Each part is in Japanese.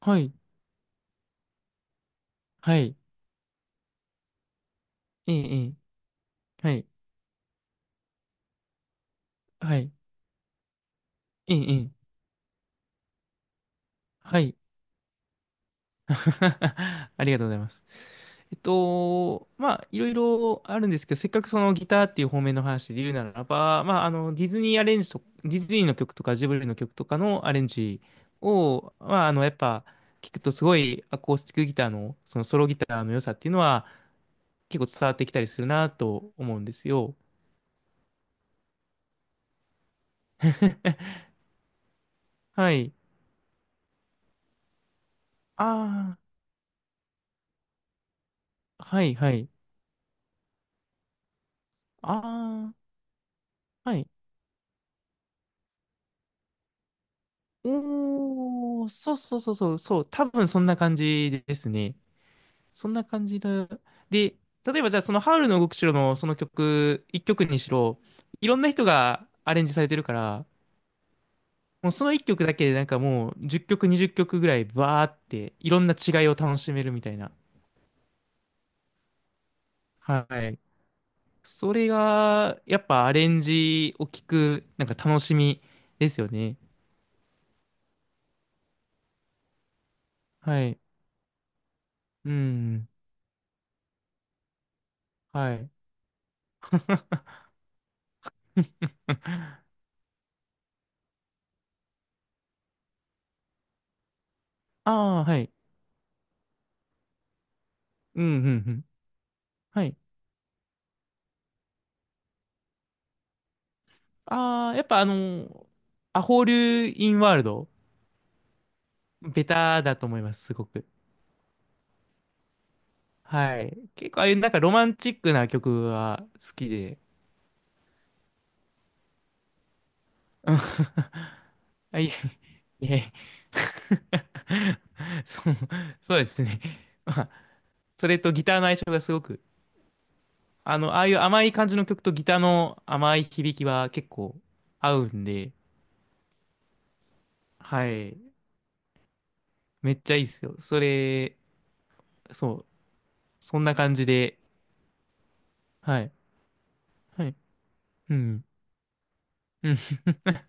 はい、はい、ええ、ええはい、はい、ええ、ええはい。ありがとうございます。まあ、いろいろあるんですけど、せっかくそのギターっていう方面の話で言うならば、まあ、あの、ディズニーアレンジと、ディズニーの曲とかジブリの曲とかのアレンジを、まあ、あの、やっぱ、聞くとすごいアコースティックギターの、そのソロギターの良さっていうのは結構伝わってきたりするなと思うんですよ。はい。ああ、はい、はい。ああ。はい。おー、そうそうそうそう、そう、多分そんな感じですね。そんな感じだ。で、例えばじゃあそのハウルの動く城のその曲、一曲にしろ、いろんな人がアレンジされてるから、もうその一曲だけでなんかもう10曲、20曲ぐらいバーっていろんな違いを楽しめるみたいな。はい。それが、やっぱアレンジを聞く、なんか楽しみですよね。はい。うん。はい。ああ、はい。うん、うん、うん。はい。ああ、やっぱあの、アホールインワールド、ベタだと思います、すごく。はい。結構ああいうなんかロマンチックな曲は好きで。あ、いえ、いえ。そう、そうですね。まあ、それとギターの相性がすごく、あの、ああいう甘い感じの曲とギターの甘い響きは結構合うんで、はい。めっちゃいいですよ。それ、そう、そんな感じで、はい。はい。うん。うん。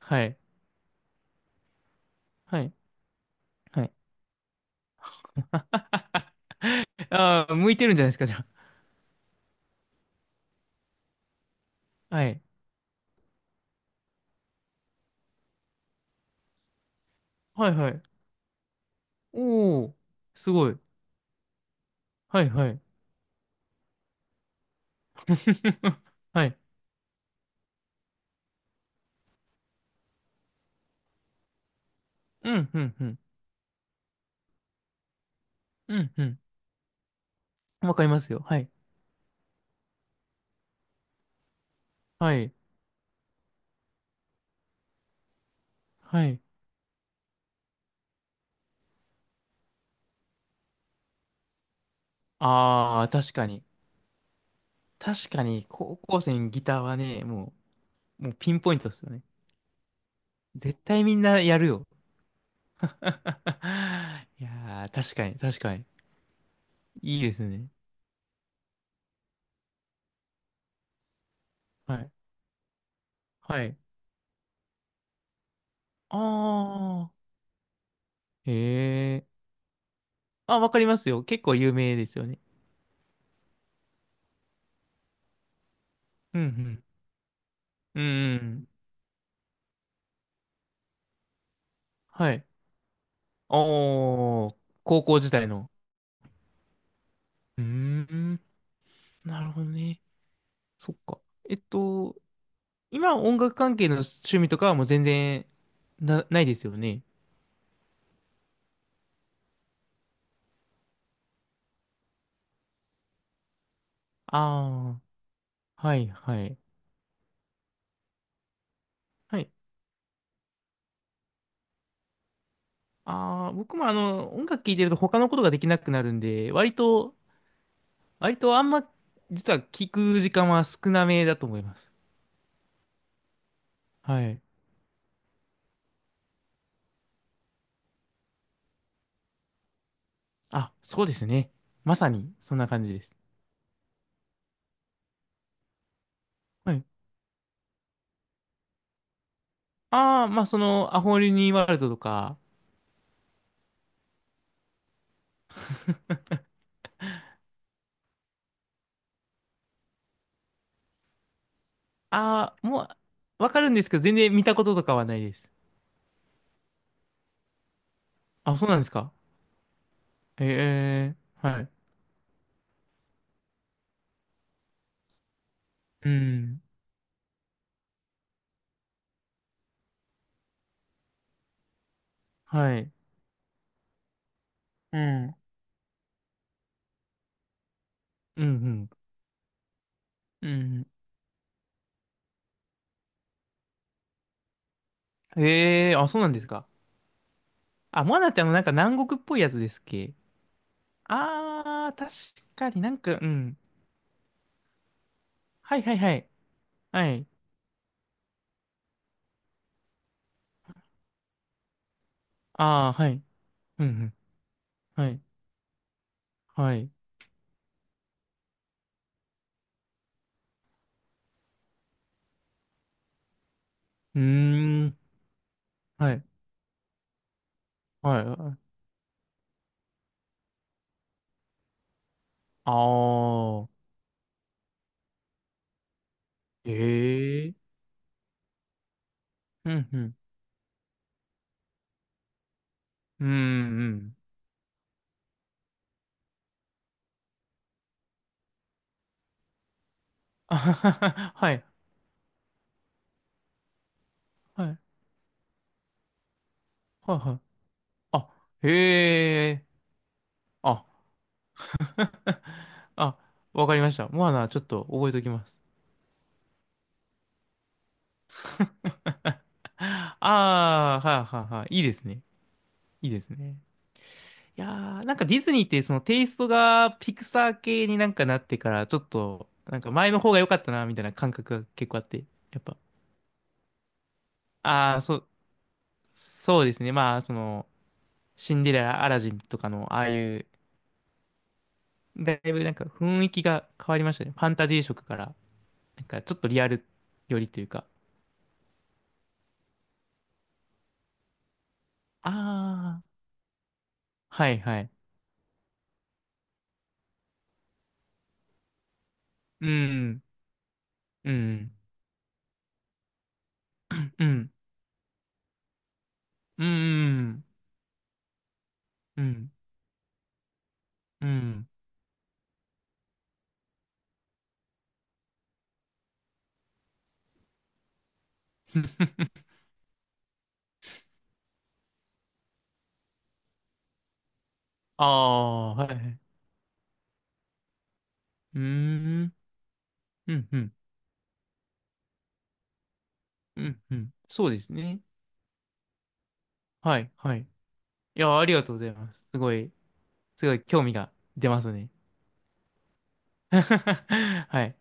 はい。はい。はい。ああ、向いてるんじゃないですか、じゃあ。はい。はいはい。おお、すごい。はいはい。はい。うん、うん、うん。うん、うん。わかりますよ。はい。はい。はい。ああ、確かに。確かに、高校生にギターはね、もうピンポイントですよね。絶対みんなやるよ。いやー、確かに、確かに。いいですね。はい。はい。ああ、へえ。あ、わかりますよ。結構有名ですよね。うん、うん。うん。はい。おー、高校時代の。うーん。なるほどね。そっか。えっと、今音楽関係の趣味とかはもう全然な、ないですよね。ああ、はいはい。はい。ああ、僕もあの、音楽聴いてると他のことができなくなるんで、割と、割とあんま、実は聴く時間は少なめだと思います。はい。あ、そうですね。まさに、そんな感じです。はい。ああ、まあ、その、アホリニーワールドとか、ああ、もう、わかるんですけど、全然見たこととかはないです。あ、そうなんですか。ええはい。うん。はい。うん。うん、うん。うん。ええ、あ、そうなんですか。あ、モアナってあの、なんか南国っぽいやつですっけ？ああー、確かになんか、うん。はいはいはい。はい。ああ、はい。うん、うん。はい。はい。うーん。はい。はい。ああ、ええ。うん、うん。うん、うん。あははは、はい。はいはい。あ、へえ。あ、あ、わかりました。モアナ、ちょっと覚えておきます。ああ、はいはいはい。いいですね。いいですね。いやー、なんかディズニーってそのテイストがピクサー系になんかなってから、ちょっと、なんか前の方が良かったな、みたいな感覚が結構あって、やっぱ。ああ、そう、そうですね。まあ、その、シンデレラ、アラジンとかの、ああいう、だいぶなんか雰囲気が変わりましたね。ファンタジー色から。なんかちょっとリアルよりというか。ああ、はいはい。うん、うん、うん、うん、うん、うん。ああ、はいはい。うーん、うん、うん、うん、うん。そうですね。はい、はい。いや、ありがとうございます。すごい興味が出ますね。はい。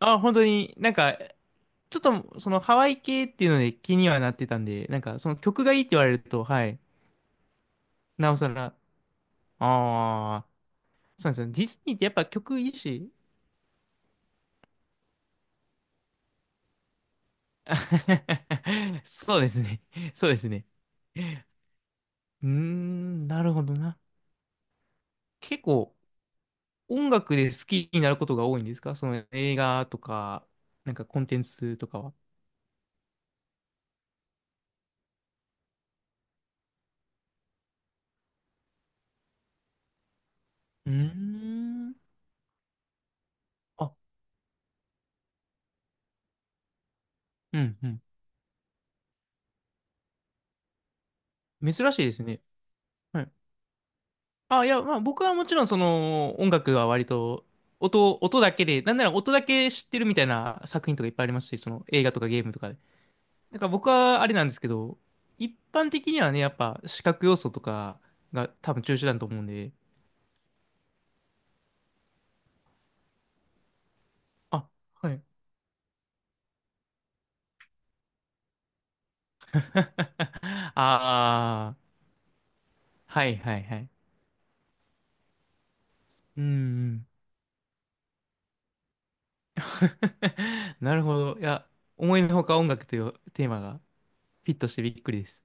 あ、本当になんか、ちょっとそのハワイ系っていうので気にはなってたんで、なんかその曲がいいって言われると、はい、なおさら、ああ、そうですね。ディズニーってやっぱ曲いいし。そうですね。そうですね。うーん、なるほどな。結構音楽で好きになることが多いんですか、その映画とか、なんかコンテンツとかは。うーん。あ、うんうん。珍しいですね。はい。あ、いや、まあ僕はもちろんその音楽は割と音だけで、なんなら音だけ知ってるみたいな作品とかいっぱいありますし、その映画とかゲームとかで。だから僕はあれなんですけど、一般的にはね、やっぱ視覚要素とかが多分中心だと思うんで、あ、はい。ああ、はいはいはい。うんうん。なるほど。いや、思いのほか音楽というテーマがフィットしてびっくりです。